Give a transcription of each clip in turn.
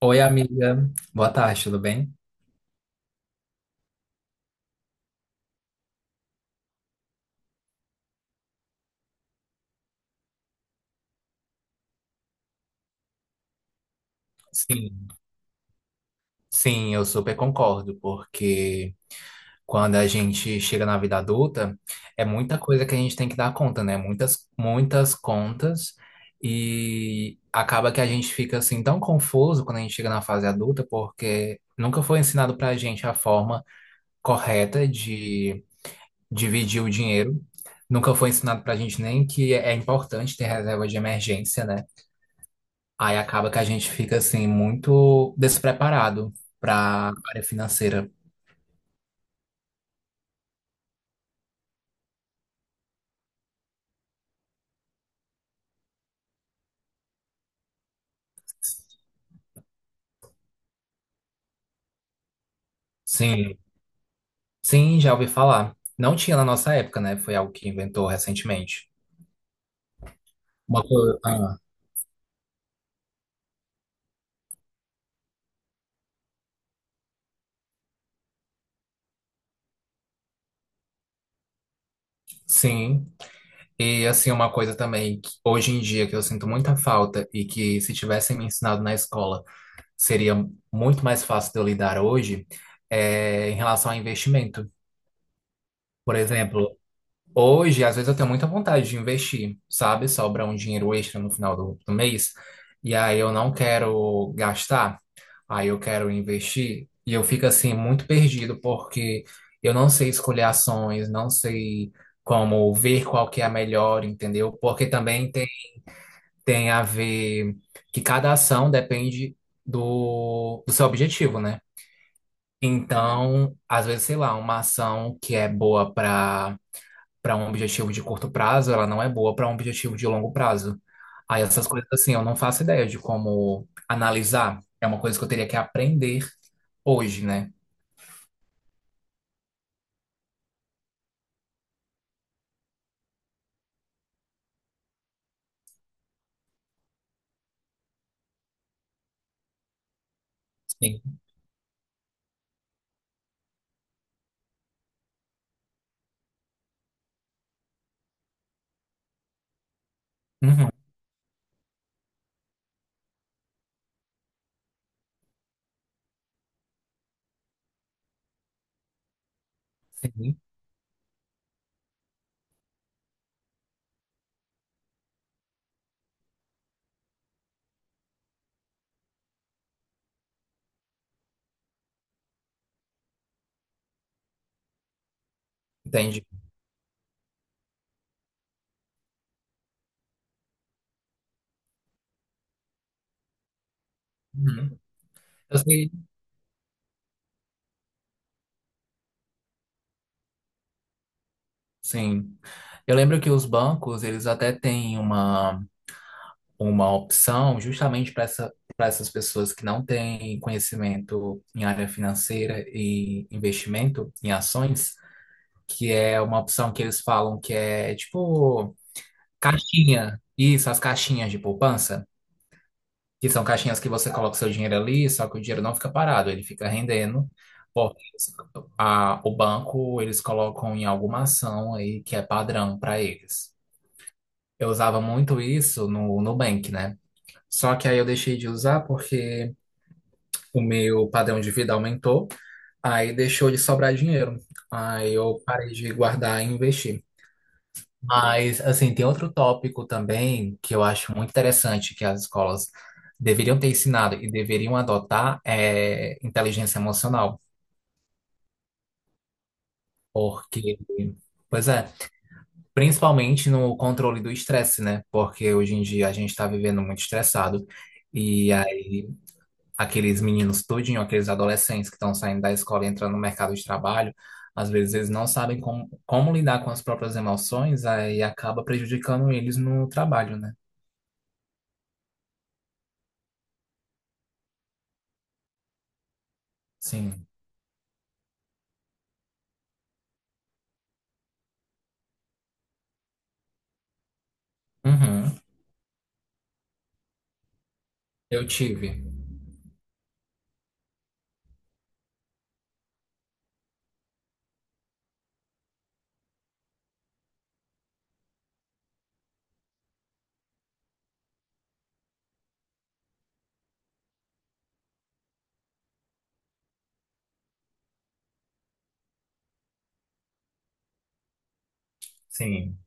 Oi, amiga. Boa tarde, tudo bem? Sim, sim, eu super concordo, porque quando a gente chega na vida adulta, é muita coisa que a gente tem que dar conta, né? Muitas, muitas contas, e acaba que a gente fica assim tão confuso quando a gente chega na fase adulta, porque nunca foi ensinado pra gente a forma correta de dividir o dinheiro, nunca foi ensinado pra gente nem que é importante ter reserva de emergência, né? Aí acaba que a gente fica assim muito despreparado para área financeira. Sim, sim, já ouvi falar. Não tinha na nossa época, né? Foi algo que inventou recentemente. Uma coisa, ah, sim. E assim, uma coisa também que hoje em dia que eu sinto muita falta e que se tivessem me ensinado na escola seria muito mais fácil de eu lidar hoje é em relação a investimento. Por exemplo, hoje, às vezes, eu tenho muita vontade de investir, sabe? Sobra um dinheiro extra no final do mês. E aí eu não quero gastar, aí eu quero investir. E eu fico assim muito perdido, porque eu não sei escolher ações, não sei como ver qual que é a melhor, entendeu? Porque também tem a ver que cada ação depende do seu objetivo, né? Então, às vezes, sei lá, uma ação que é boa para um objetivo de curto prazo, ela não é boa para um objetivo de longo prazo. Aí essas coisas assim, eu não faço ideia de como analisar. É uma coisa que eu teria que aprender hoje, né? Sim. Uhum. Sim, entendi. Uhum. Eu sei, sim. Eu lembro que os bancos, eles até têm uma opção justamente para para essas pessoas que não têm conhecimento em área financeira e investimento em ações, que é uma opção que eles falam que é tipo caixinha. Isso, as caixinhas de poupança, que são caixinhas que você coloca o seu dinheiro ali, só que o dinheiro não fica parado, ele fica rendendo. Porque eles- o banco, eles colocam em alguma ação aí que é padrão para eles. Eu usava muito isso no Nubank, né? Só que aí eu deixei de usar porque o meu padrão de vida aumentou, aí deixou de sobrar dinheiro. Aí eu parei de guardar e investir. Mas, assim, tem outro tópico também que eu acho muito interessante que as escolas deveriam ter ensinado e deveriam adotar é inteligência emocional, porque, pois é, principalmente no controle do estresse, né? Porque hoje em dia a gente está vivendo muito estressado e aí aqueles meninos tudinho, aqueles adolescentes que estão saindo da escola e entrando no mercado de trabalho, às vezes eles não sabem como lidar com as próprias emoções, aí acaba prejudicando eles no trabalho, né? Sim. Uhum. Eu tive. Sim.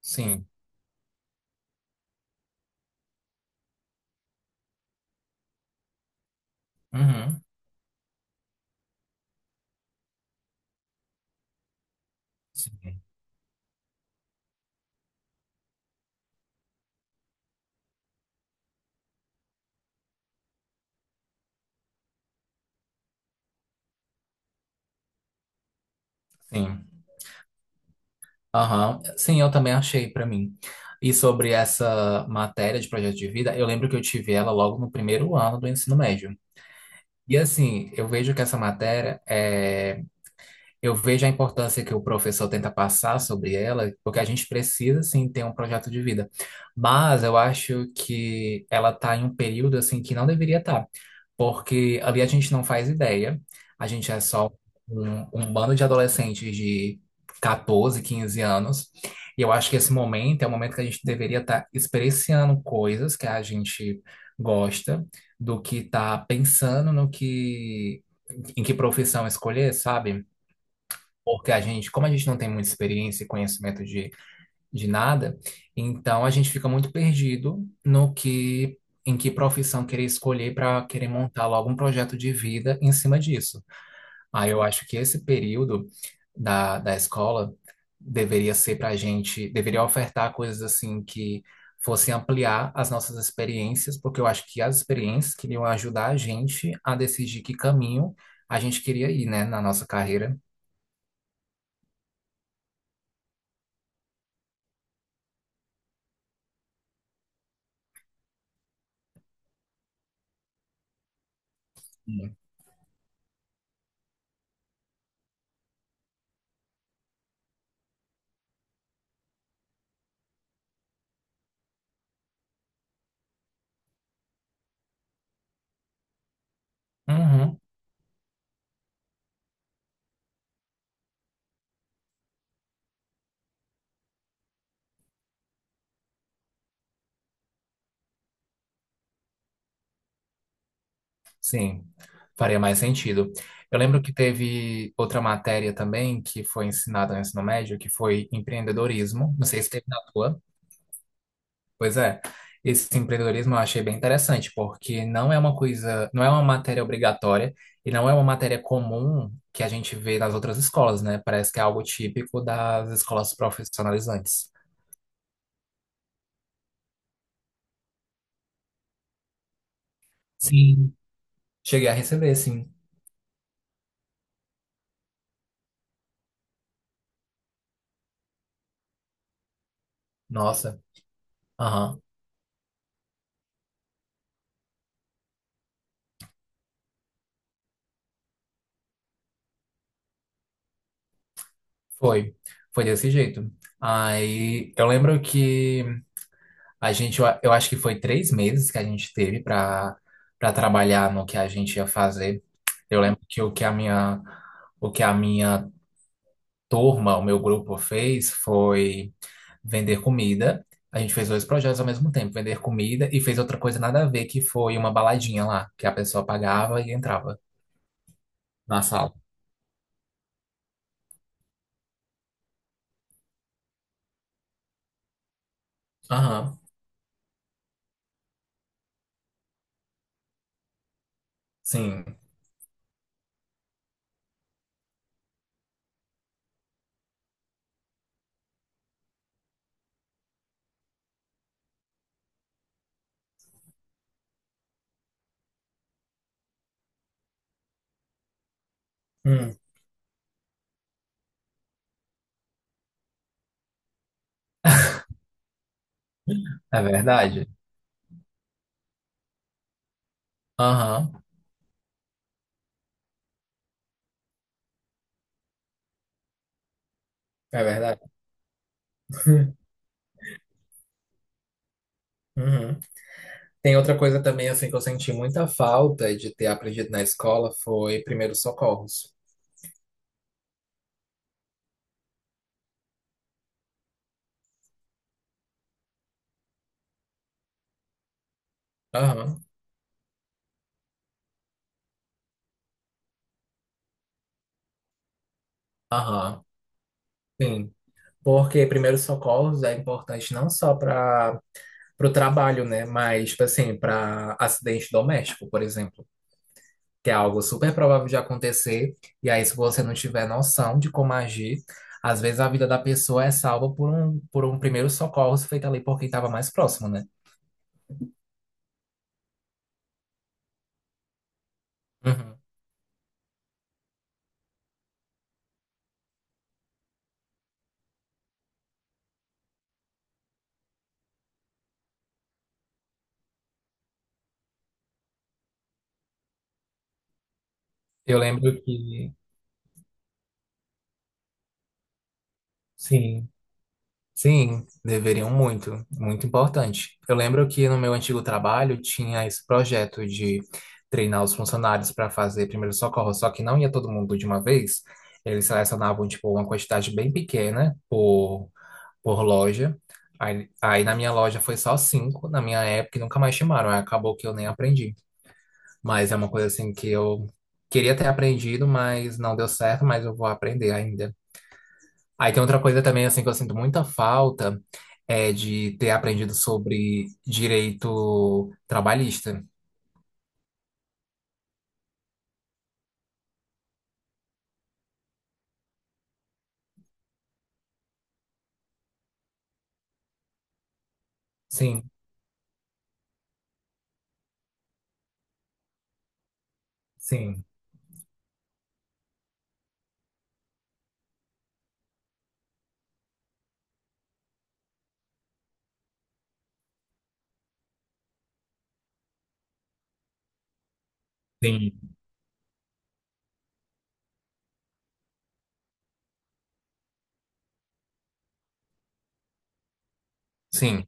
Sim. Uhum. Sim. Sim. Aham. Sim, eu também achei pra mim. E sobre essa matéria de projeto de vida, eu lembro que eu tive ela logo no primeiro ano do ensino médio. E assim, eu vejo que essa matéria é... eu vejo a importância que o professor tenta passar sobre ela, porque a gente precisa sim ter um projeto de vida. Mas eu acho que ela tá em um período assim que não deveria estar, porque ali a gente não faz ideia, a gente é só um bando de adolescentes de 14, 15 anos, e eu acho que esse momento é o momento que a gente deveria estar experienciando coisas que a gente gosta, do que estar pensando no que, em que profissão escolher, sabe? Porque a gente, como a gente não tem muita experiência e conhecimento de nada, então a gente fica muito perdido no que, em que profissão querer escolher para querer montar logo um projeto de vida em cima disso. Aí eu acho que esse período da escola deveria ser para a gente, deveria ofertar coisas assim que fossem ampliar as nossas experiências, porque eu acho que as experiências queriam ajudar a gente a decidir que caminho a gente queria ir, né, na nossa carreira. Uhum. Sim, faria mais sentido. Eu lembro que teve outra matéria também que foi ensinada no ensino médio, que foi empreendedorismo. Não sei se teve na tua. Pois é. Esse empreendedorismo eu achei bem interessante, porque não é uma coisa, não é uma matéria obrigatória e não é uma matéria comum que a gente vê nas outras escolas, né? Parece que é algo típico das escolas profissionalizantes. Sim, cheguei a receber, sim. Nossa, aham. Foi. Foi desse jeito. Aí eu lembro que a gente, eu acho que foi 3 meses que a gente teve para trabalhar no que a gente ia fazer. Eu lembro que o que a minha turma, o meu grupo fez foi vender comida. A gente fez dois projetos ao mesmo tempo, vender comida e fez outra coisa nada a ver, que foi uma baladinha lá, que a pessoa pagava e entrava na sala. Aham, sim. Hum, É verdade? Aham, é verdade. Uhum. Tem outra coisa também, assim, que eu senti muita falta de ter aprendido na escola foi primeiros socorros. Aham, aham, sim. Porque primeiros socorros é importante não só para o trabalho, né? Mas, tipo assim, para acidente doméstico, por exemplo, que é algo super provável de acontecer. E aí, se você não tiver noção de como agir, às vezes a vida da pessoa é salva por um primeiro socorro feito ali por quem estava mais próximo, né? Uhum. Eu lembro que, sim. Sim, deveriam muito, muito importante. Eu lembro que no meu antigo trabalho tinha esse projeto de treinar os funcionários para fazer primeiro socorro, só que não ia todo mundo de uma vez. Eles selecionavam tipo uma quantidade bem pequena por loja. Aí na minha loja foi só cinco, na minha época e nunca mais chamaram. Aí acabou que eu nem aprendi. Mas é uma coisa assim que eu queria ter aprendido, mas não deu certo, mas eu vou aprender ainda. Aí tem outra coisa também, assim, que eu sinto muita falta, é de ter aprendido sobre direito trabalhista. Sim, sim, sim, sim,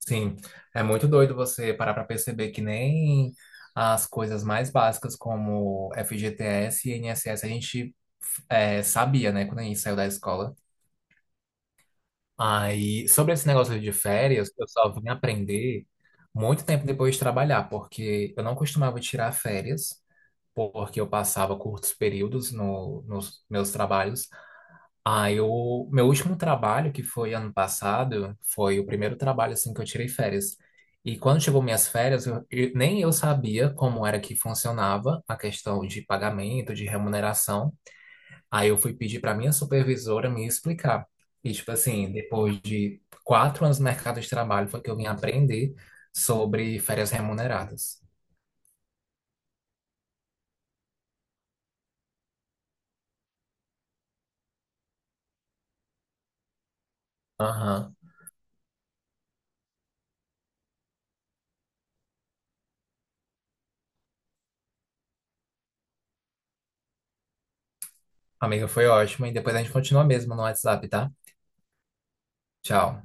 sim. É muito doido você parar pra perceber que nem as coisas mais básicas como FGTS e INSS a gente é, sabia, né, quando a gente saiu da escola. Aí, sobre esse negócio de férias, eu só vim aprender muito tempo depois de trabalhar, porque eu não costumava tirar férias, porque eu passava curtos períodos no, nos meus trabalhos. Aí o meu último trabalho, que foi ano passado, foi o primeiro trabalho assim que eu tirei férias. E quando chegou minhas férias, nem eu sabia como era que funcionava a questão de pagamento, de remuneração. Aí eu fui pedir para minha supervisora me explicar. E tipo assim, depois de 4 anos no mercado de trabalho, foi que eu vim aprender sobre férias remuneradas. Aham. Amiga, foi ótimo. E depois a gente continua mesmo no WhatsApp, tá? Tchau.